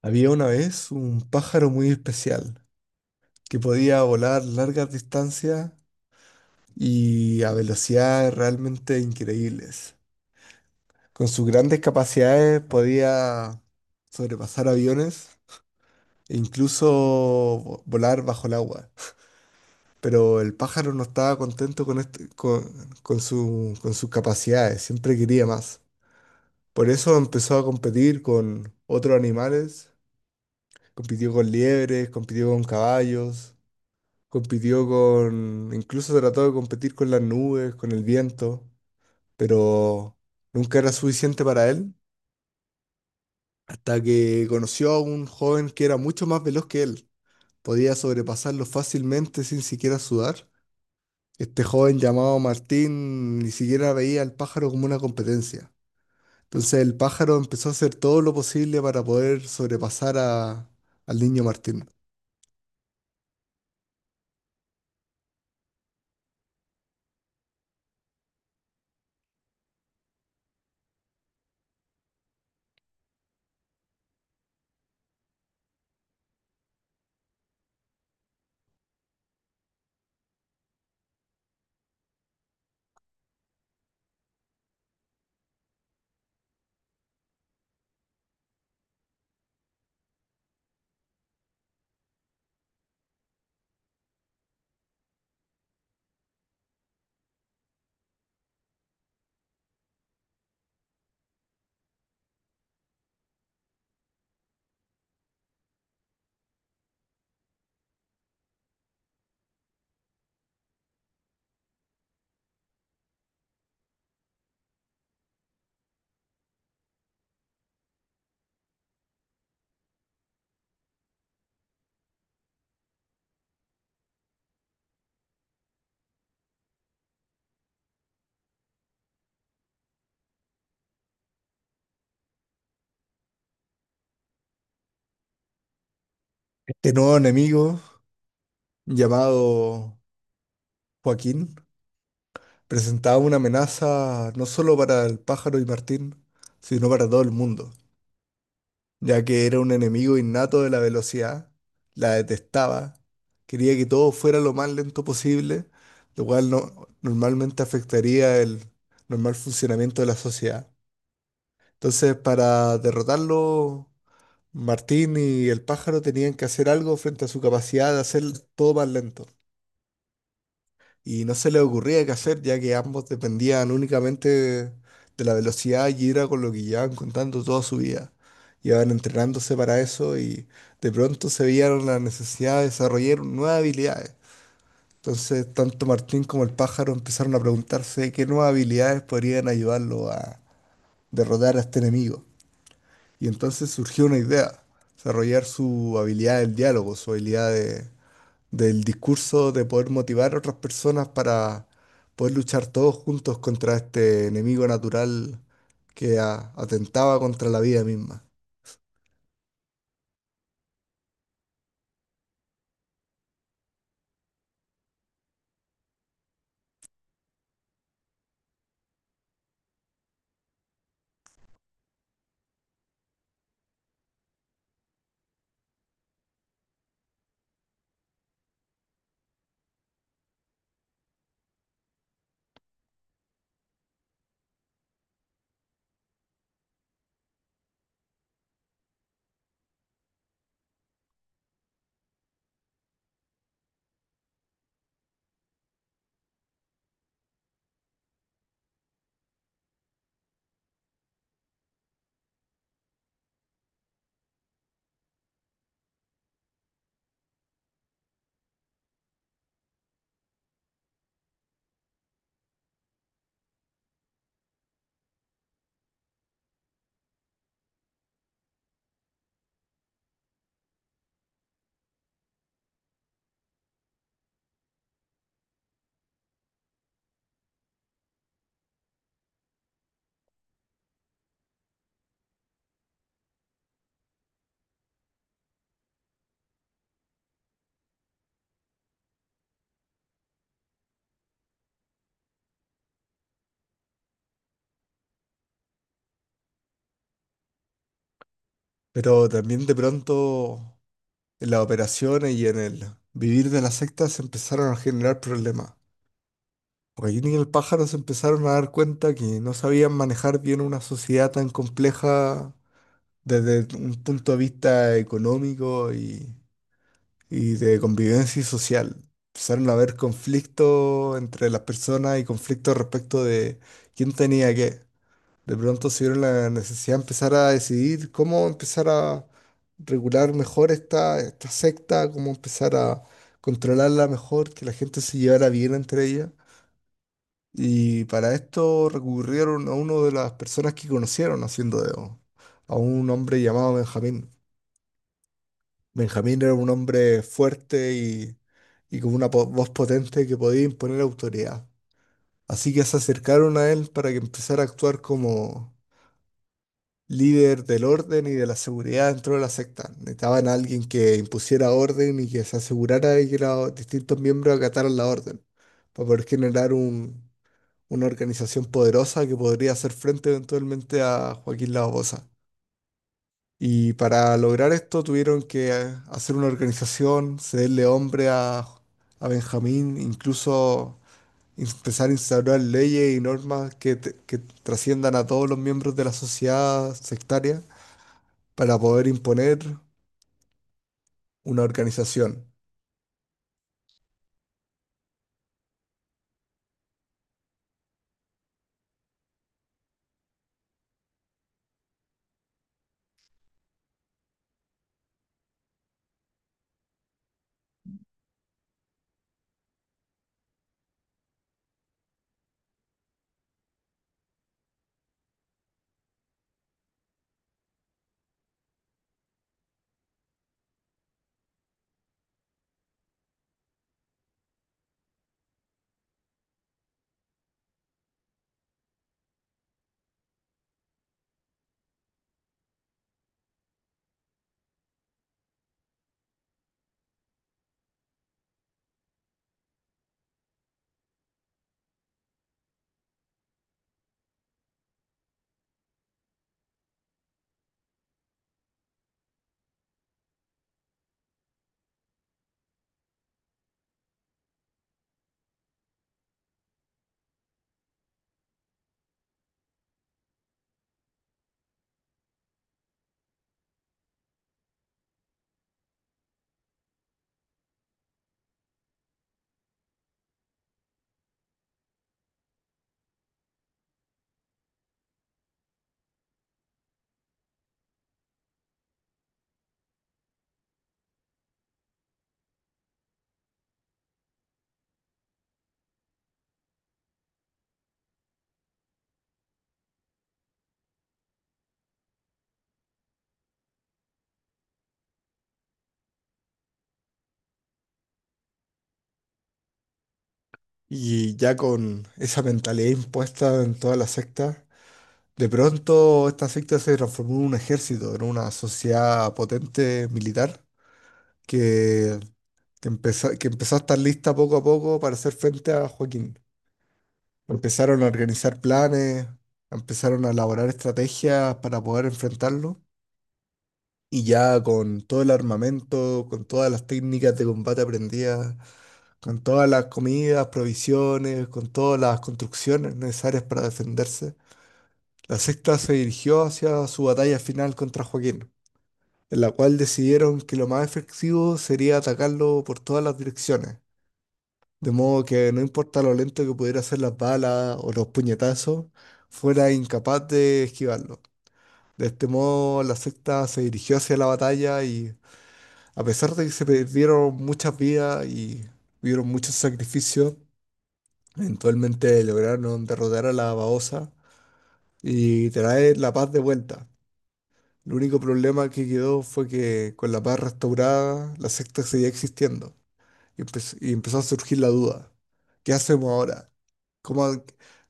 Había una vez un pájaro muy especial que podía volar largas distancias y a velocidades realmente increíbles. Con sus grandes capacidades podía sobrepasar aviones e incluso volar bajo el agua. Pero el pájaro no estaba contento con, este- con su- con sus capacidades, siempre quería más. Por eso empezó a competir con otros animales, compitió con liebres, compitió con caballos. Compitió con, incluso trató de competir con las nubes, con el viento, pero nunca era suficiente para él, hasta que conoció a un joven que era mucho más veloz que él. Podía sobrepasarlo fácilmente sin siquiera sudar. Este joven llamado Martín ni siquiera veía al pájaro como una competencia. Entonces el pájaro empezó a hacer todo lo posible para poder sobrepasar al niño Martín. Este nuevo enemigo, llamado Joaquín, presentaba una amenaza no solo para el pájaro y Martín, sino para todo el mundo, ya que era un enemigo innato de la velocidad, la detestaba, quería que todo fuera lo más lento posible, lo cual no, normalmente afectaría el normal funcionamiento de la sociedad. Entonces, para derrotarlo, Martín y el pájaro tenían que hacer algo frente a su capacidad de hacer todo más lento, y no se le ocurría qué hacer, ya que ambos dependían únicamente de la velocidad y era con lo que llevaban contando toda su vida. Llevaban entrenándose para eso y de pronto se vieron la necesidad de desarrollar nuevas habilidades. Entonces, tanto Martín como el pájaro empezaron a preguntarse qué nuevas habilidades podrían ayudarlo a derrotar a este enemigo. Y entonces surgió una idea, desarrollar su habilidad del diálogo, su habilidad de, del discurso de poder motivar a otras personas para poder luchar todos juntos contra este enemigo natural que atentaba contra la vida misma. Pero también de pronto en las operaciones y en el vivir de las sectas se empezaron a generar problemas. Joaquín y el pájaro se empezaron a dar cuenta que no sabían manejar bien una sociedad tan compleja desde un punto de vista económico y de convivencia y social. Empezaron a haber conflictos entre las personas y conflictos respecto de quién tenía qué. De pronto se vieron la necesidad de empezar a decidir cómo empezar a regular mejor esta secta, cómo empezar a controlarla mejor, que la gente se llevara bien entre ellas. Y para esto recurrieron a una de las personas que conocieron haciendo dedo, a un hombre llamado Benjamín. Benjamín era un hombre fuerte y con una voz potente que podía imponer autoridad. Así que se acercaron a él para que empezara a actuar como líder del orden y de la seguridad dentro de la secta. Necesitaban a alguien que impusiera orden y que se asegurara de que los distintos miembros acataran la orden, para poder generar una organización poderosa que podría hacer frente eventualmente a Joaquín Lavabosa. Y para lograr esto tuvieron que hacer una organización, cederle hombre a Benjamín, incluso empezar a instaurar leyes y normas que trasciendan a todos los miembros de la sociedad sectaria para poder imponer una organización. Y ya con esa mentalidad impuesta en toda la secta, de pronto esta secta se transformó en un ejército, en una sociedad potente militar que que empezó a estar lista poco a poco para hacer frente a Joaquín. Empezaron a organizar planes, empezaron a elaborar estrategias para poder enfrentarlo. Y ya con todo el armamento, con todas las técnicas de combate aprendidas, con todas las comidas, provisiones, con todas las construcciones necesarias para defenderse, la sexta se dirigió hacia su batalla final contra Joaquín, en la cual decidieron que lo más efectivo sería atacarlo por todas las direcciones, de modo que no importa lo lento que pudiera ser las balas o los puñetazos, fuera incapaz de esquivarlo. De este modo, la secta se dirigió hacia la batalla y, a pesar de que se perdieron muchas vidas y hubieron muchos sacrificios, eventualmente lograron derrotar a la Baosa y traer la paz de vuelta. El único problema que quedó fue que con la paz restaurada, la secta seguía existiendo. Y, y empezó a surgir la duda. ¿Qué hacemos ahora? ¿Cómo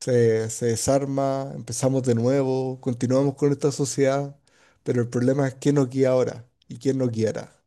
se desarma? ¿Empezamos de nuevo? ¿Continuamos con esta sociedad? Pero el problema es quién nos guía ahora y quién nos guiará.